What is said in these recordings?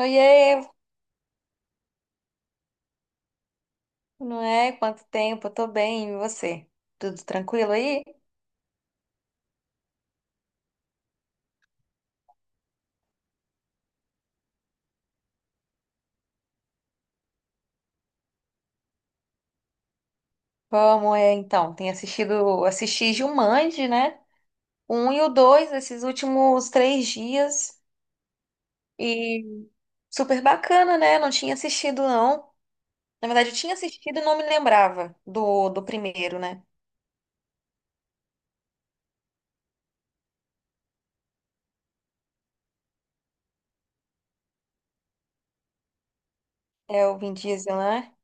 Oiê, não é? Quanto tempo? Eu tô bem, e você? Tudo tranquilo aí? Como é então? Tem assistido, assisti Jumanji, né? O Um e o dois, esses últimos três dias. E super bacana, né? Não tinha assistido, não. Na verdade, eu tinha assistido e não me lembrava do primeiro, né? É o Vin Diesel, né?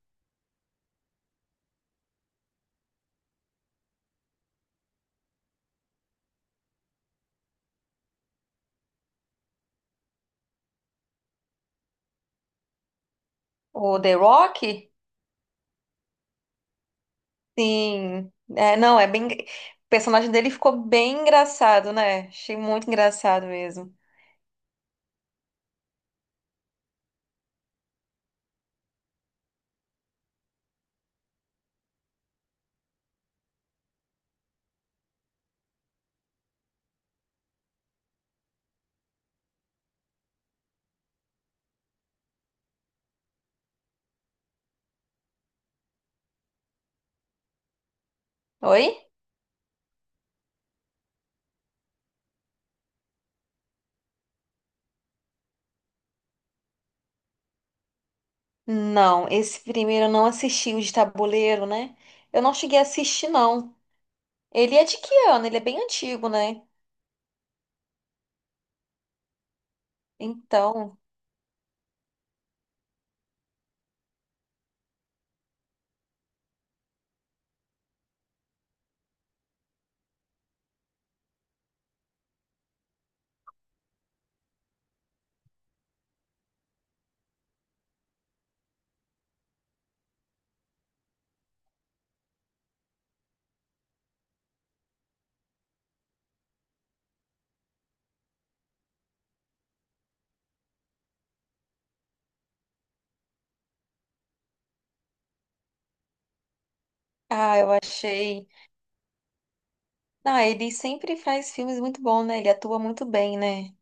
O The Rock? Sim. É, não, é bem. O personagem dele ficou bem engraçado, né? Achei muito engraçado mesmo. Oi? Não, esse primeiro eu não assisti, o de tabuleiro, né? Eu não cheguei a assistir, não. Ele é de que ano? Ele é bem antigo, né? Então, ah, eu achei. Ah, ele sempre faz filmes muito bons, né? Ele atua muito bem, né?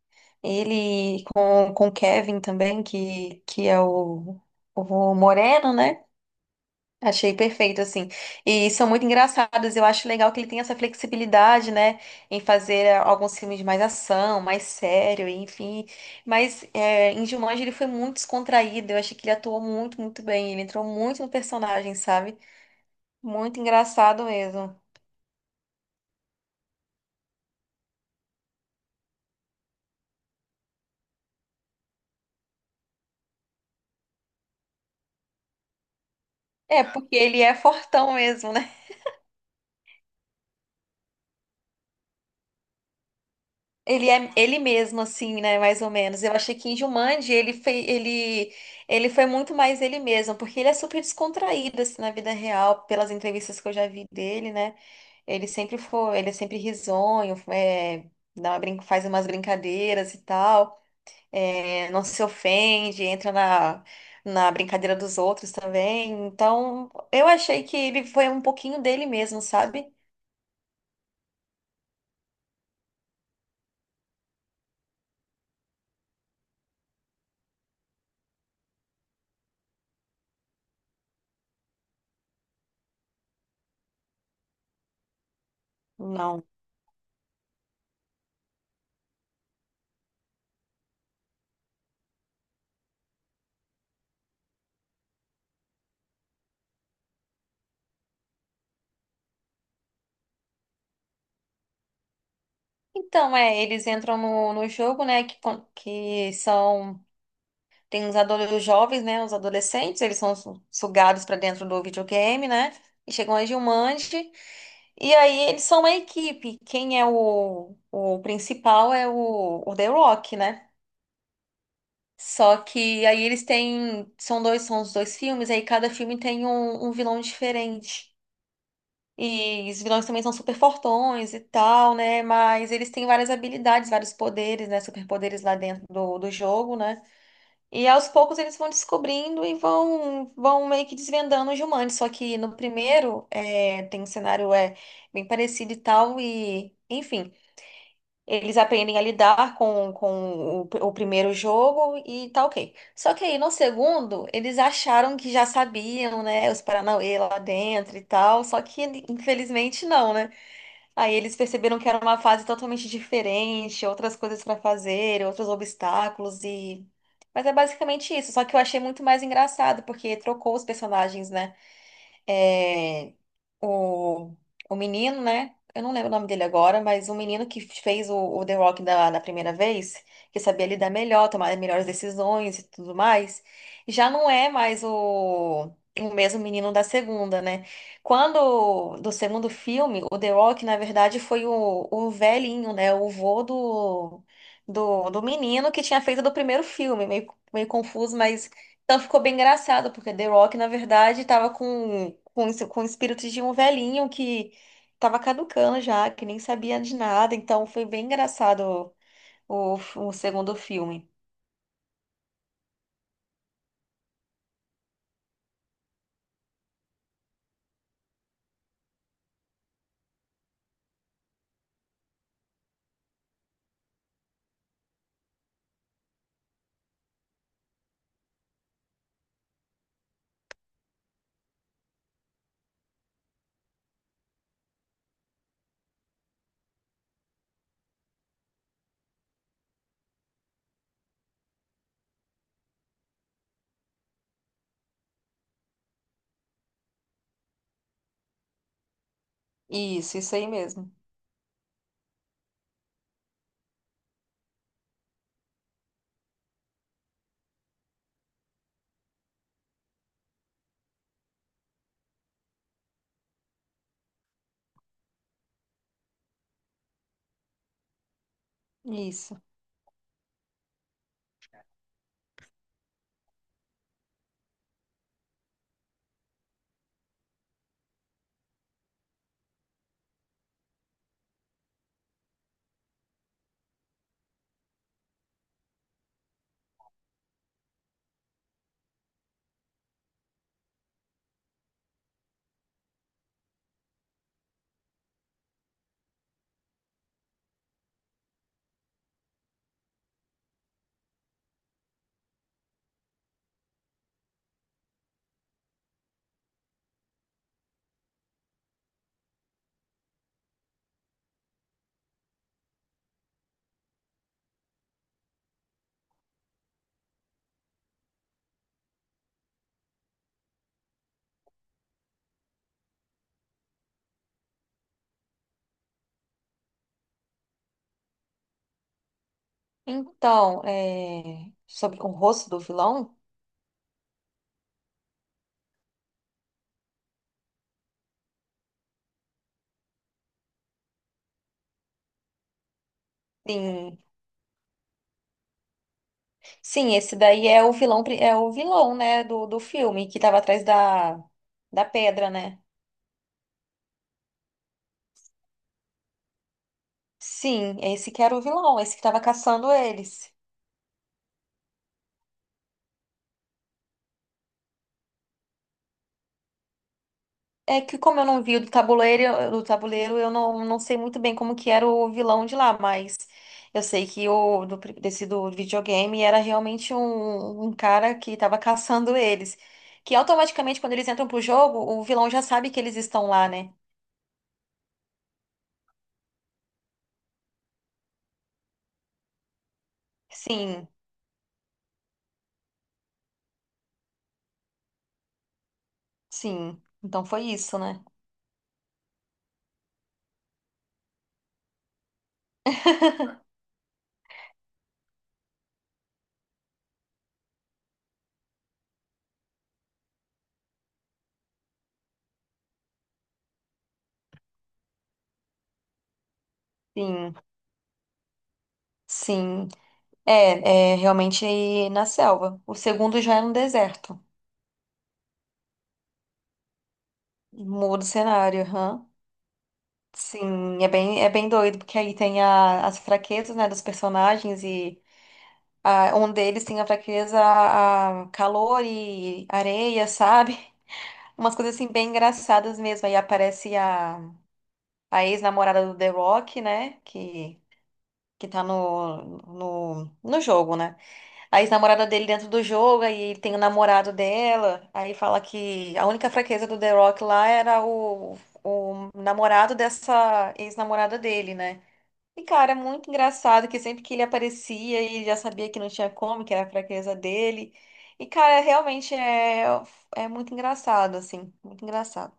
Ele com o Kevin também, que é o Moreno, né? Achei perfeito, assim. E são muito engraçados. Eu acho legal que ele tem essa flexibilidade, né? Em fazer alguns filmes de mais ação, mais sério, enfim. Mas em Jumanji ele foi muito descontraído. Eu achei que ele atuou muito bem. Ele entrou muito no personagem, sabe? Muito engraçado mesmo. É, porque ele é fortão mesmo, né? Ele é ele mesmo, assim, né? Mais ou menos. Eu achei que em Jumanji ele foi, ele foi muito mais ele mesmo, porque ele é super descontraído, assim, na vida real, pelas entrevistas que eu já vi dele, né? Ele sempre foi, ele é sempre risonho, é, dá uma faz umas brincadeiras e tal, é, não se ofende, entra na brincadeira dos outros também. Então, eu achei que ele foi um pouquinho dele mesmo, sabe? Não. Então, é, eles entram no jogo, né, que, que são, tem os, os jovens, né, os adolescentes, eles são sugados para dentro do videogame, né, e chegam a Gilmande, e aí eles são uma equipe, quem é o principal é o The Rock, né, só que aí eles têm, são dois, são os dois filmes, aí cada filme tem um, um vilão diferente. E os vilões também são super fortões e tal, né? Mas eles têm várias habilidades, vários poderes, né? Superpoderes lá dentro do jogo, né? E aos poucos eles vão descobrindo e vão, vão meio que desvendando os humanos. Só que no primeiro é, tem um cenário é, bem parecido e tal, e enfim, eles aprendem a lidar com o primeiro jogo e tá ok. Só que aí no segundo, eles acharam que já sabiam, né? Os Paranauê lá dentro e tal, só que infelizmente não, né? Aí eles perceberam que era uma fase totalmente diferente, outras coisas para fazer, outros obstáculos e. Mas é basicamente isso, só que eu achei muito mais engraçado, porque trocou os personagens, né? É, o, o menino, né? Eu não lembro o nome dele agora, mas o menino que fez o The Rock da primeira vez, que sabia lidar melhor, tomar melhores decisões e tudo mais, já não é mais o mesmo menino da segunda, né? Quando, do segundo filme, o The Rock, na verdade, foi o velhinho, né? O vô do menino que tinha feito do primeiro filme, meio, meio confuso, mas. Então ficou bem engraçado, porque The Rock, na verdade, estava com espíritos de um velhinho que estava caducando já, que nem sabia de nada. Então foi bem engraçado o segundo filme. Isso aí mesmo. Isso. Então, é, sobre o rosto do vilão? Sim. Sim, esse daí é o vilão, é o vilão, né, do filme, que estava atrás da pedra, né? Sim, esse que era o vilão, esse que estava caçando eles. É que como eu não vi o do tabuleiro, eu não, não sei muito bem como que era o vilão de lá, mas eu sei que o do, desse do videogame era realmente um, um cara que estava caçando eles. Que automaticamente, quando eles entram pro jogo, o vilão já sabe que eles estão lá, né? Sim, sim. Então foi isso, né? Sim, sim. É, é realmente na selva. O segundo já é no deserto. Muda o cenário, aham. Sim, é bem doido, porque aí tem a- as fraquezas, né, dos personagens e ah, um deles tem a fraqueza a calor e areia, sabe? Umas coisas assim bem engraçadas mesmo. Aí aparece a ex-namorada do The Rock, né, que tá no jogo, né? A ex-namorada dele dentro do jogo, aí ele tem o namorado dela, aí fala que a única fraqueza do The Rock lá era o namorado dessa ex-namorada dele, né? E, cara, é muito engraçado que sempre que ele aparecia, ele já sabia que não tinha como, que era a fraqueza dele. E, cara, realmente é, é muito engraçado, assim. Muito engraçado.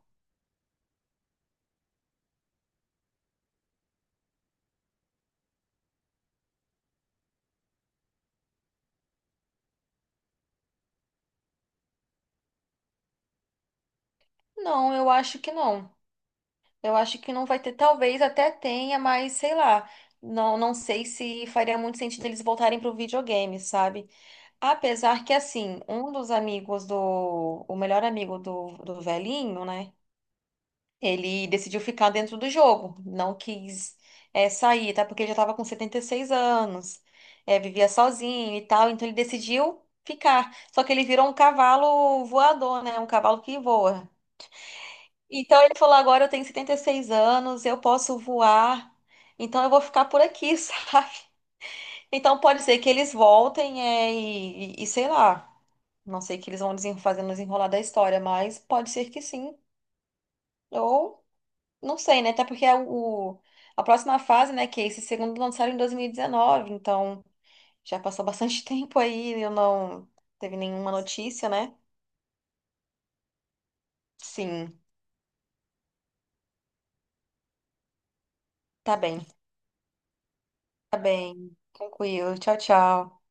Não, eu acho que não. Eu acho que não vai ter. Talvez até tenha, mas sei lá. Não, não sei se faria muito sentido eles voltarem pro videogame, sabe? Apesar que, assim, um dos amigos do. O melhor amigo do velhinho, né? Ele decidiu ficar dentro do jogo, não quis sair, tá? Porque ele já estava com 76 anos, vivia sozinho e tal, então ele decidiu ficar. Só que ele virou um cavalo voador, né? Um cavalo que voa. Então ele falou: agora eu tenho 76 anos, eu posso voar, então eu vou ficar por aqui, sabe? Então pode ser que eles voltem e, e sei lá, não sei o que eles vão fazer no desenrolar da história, mas pode ser que sim. Ou não sei, né? Até porque é o, a próxima fase, né? Que é esse segundo lançaram em 2019, então já passou bastante tempo aí eu não teve nenhuma notícia, né? Sim, tá bem, tá bem. Tranquilo. Tchau, tchau.